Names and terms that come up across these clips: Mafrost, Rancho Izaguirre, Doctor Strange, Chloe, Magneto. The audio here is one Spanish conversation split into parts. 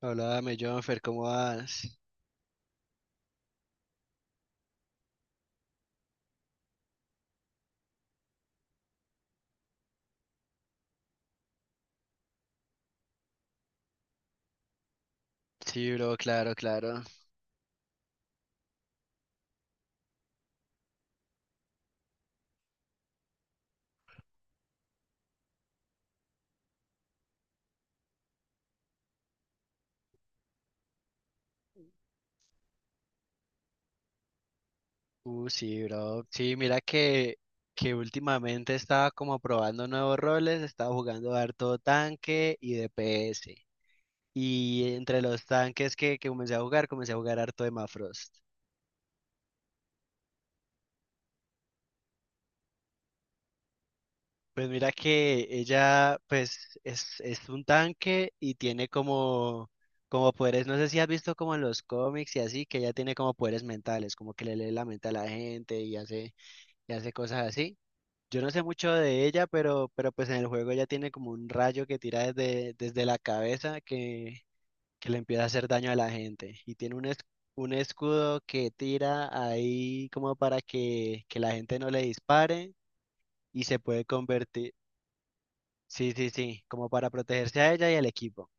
Háblame, Jonfer, ¿cómo vas? Sí, bro, claro, claro. Sí, bro. Sí, mira que últimamente estaba como probando nuevos roles, estaba jugando harto tanque y DPS. Y entre los tanques que comencé a jugar harto de Mafrost. Pues mira que ella, pues, es un tanque y tiene como, como poderes, no sé si has visto como en los cómics y así, que ella tiene como poderes mentales, como que le lee la mente a la gente y hace cosas así. Yo no sé mucho de ella, pero pues en el juego ella tiene como un rayo que tira desde la cabeza que le empieza a hacer daño a la gente. Y tiene un, un escudo que tira ahí como para que la gente no le dispare y se puede convertir, sí, sí, sí, como para protegerse a ella y al equipo.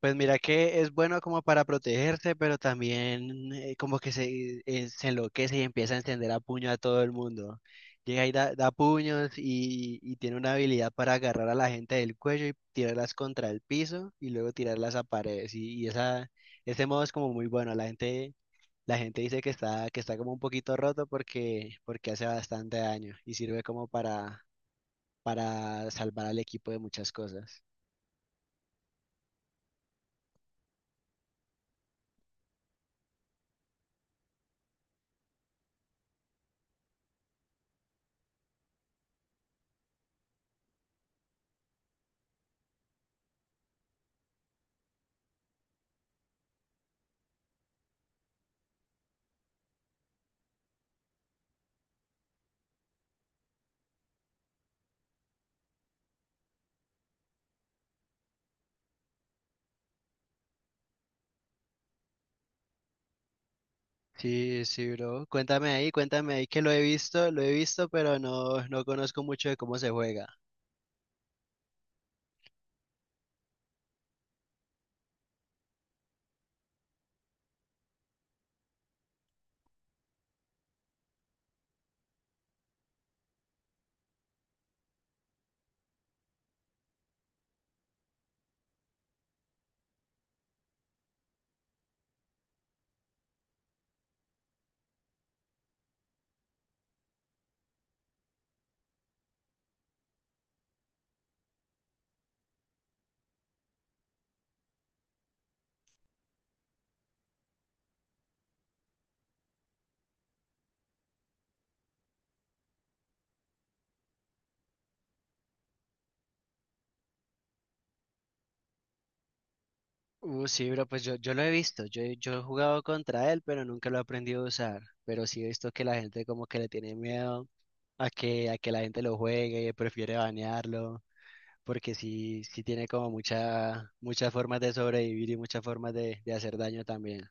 Pues mira que es bueno como para protegerse, pero también como que se se enloquece y empieza a encender a puño a todo el mundo. Llega y da, da puños y tiene una habilidad para agarrar a la gente del cuello y tirarlas contra el piso y luego tirarlas a paredes. Y esa, ese modo es como muy bueno. La gente dice que está como un poquito roto porque, porque hace bastante daño y sirve como para salvar al equipo de muchas cosas. Sí, sí, bro. Cuéntame ahí que lo he visto, pero no, no conozco mucho de cómo se juega. Sí, bro, pues yo lo he visto. Yo, yo he jugado contra él, pero nunca lo he aprendido a usar. Pero sí he visto que la gente como que le tiene miedo a que la gente lo juegue, prefiere banearlo, porque sí, sí tiene como mucha, muchas formas de sobrevivir y muchas formas de hacer daño también.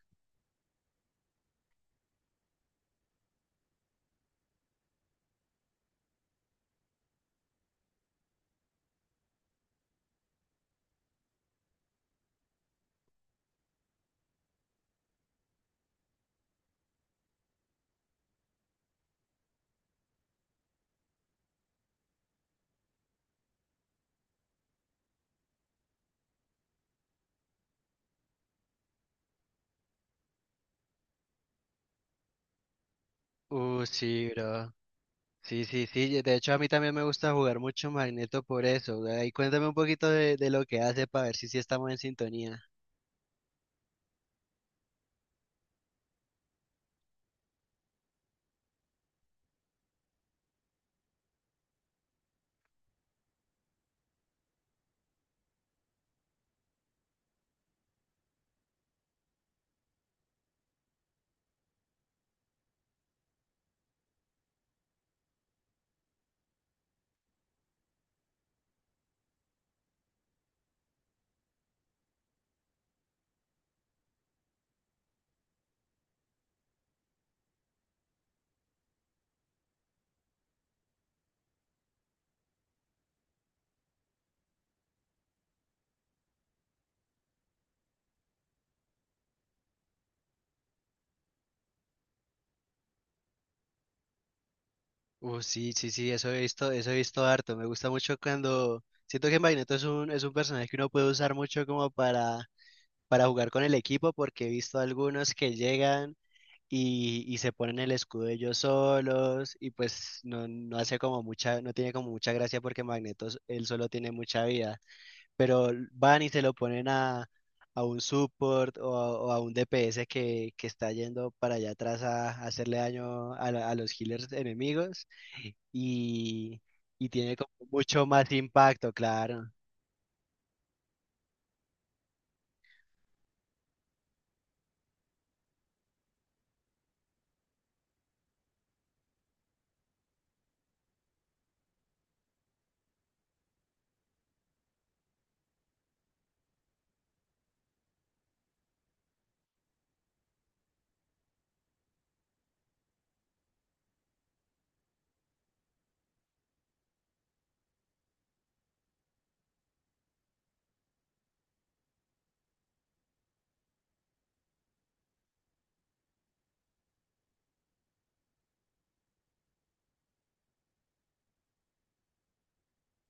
Sí, bro. Sí, sí, sí. De hecho, a mí también me gusta jugar mucho Magneto por eso. Ahí cuéntame un poquito de lo que hace para ver si sí estamos en sintonía. Sí, sí, sí, eso he visto harto. Me gusta mucho cuando siento que Magneto es un personaje que uno puede usar mucho como para jugar con el equipo, porque he visto algunos que llegan y se ponen el escudo ellos solos, y pues no, no hace como mucha, no tiene como mucha gracia porque él solo tiene mucha vida, pero van y se lo ponen a un support o a un DPS que está yendo para allá atrás a hacerle daño a, a los healers enemigos y, y tiene como mucho más impacto, claro.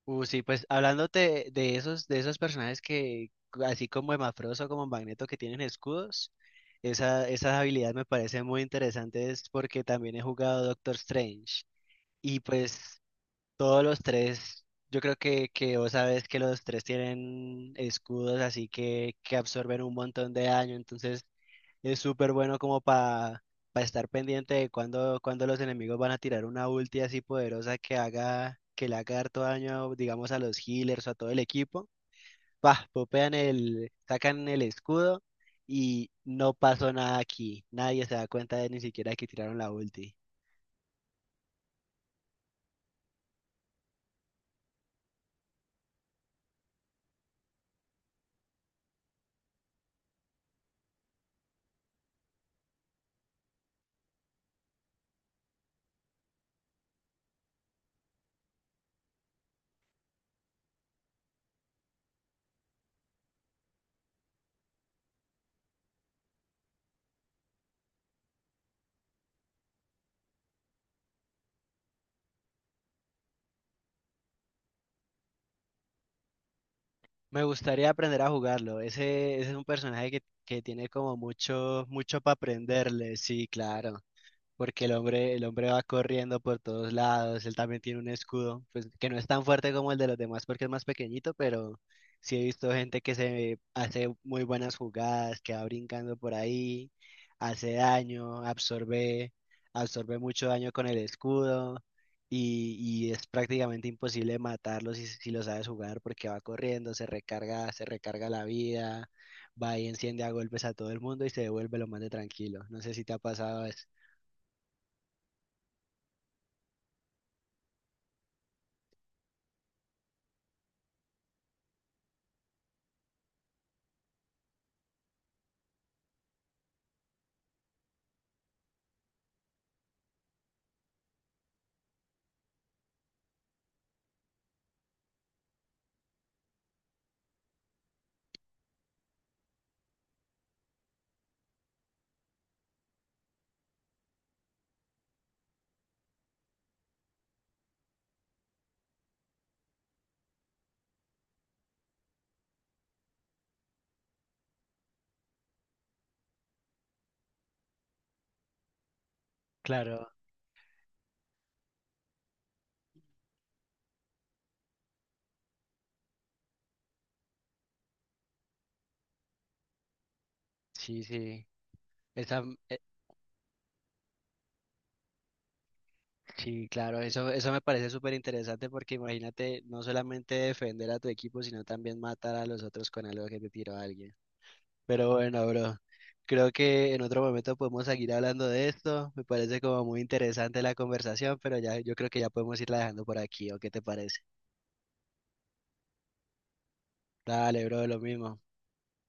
Sí, pues hablándote de esos personajes que, así como Emafrost o como Magneto, que tienen escudos, esa, esas habilidades me parecen muy interesantes porque también he jugado Doctor Strange. Y pues todos los tres, yo creo que vos sabes que los tres tienen escudos, así que absorben un montón de daño, entonces es súper bueno como para estar pendiente de cuando, cuando los enemigos van a tirar una ulti así poderosa que haga, que le haga harto daño, digamos, a los healers o a todo el equipo. Pa, popean el, sacan el escudo y no pasó nada aquí. Nadie se da cuenta de ni siquiera que tiraron la ulti. Me gustaría aprender a jugarlo. Ese es un personaje que tiene como mucho, mucho para aprenderle. Sí, claro, porque el hombre va corriendo por todos lados, él también tiene un escudo, pues que no es tan fuerte como el de los demás porque es más pequeñito, pero sí he visto gente que se hace muy buenas jugadas, que va brincando por ahí, hace daño, absorbe, absorbe mucho daño con el escudo y es prácticamente imposible matarlo si, si lo sabes jugar porque va corriendo, se recarga la vida, va y enciende a golpes a todo el mundo y se devuelve lo más de tranquilo. No sé si te ha pasado eso. Claro, sí, sí. Esa, eh, sí, claro, eso me parece súper interesante porque imagínate no solamente defender a tu equipo, sino también matar a los otros con algo que te tiró a alguien. Pero bueno, bro, creo que en otro momento podemos seguir hablando de esto. Me parece como muy interesante la conversación, pero ya yo creo que ya podemos irla dejando por aquí, ¿o qué te parece? Dale, bro, lo mismo.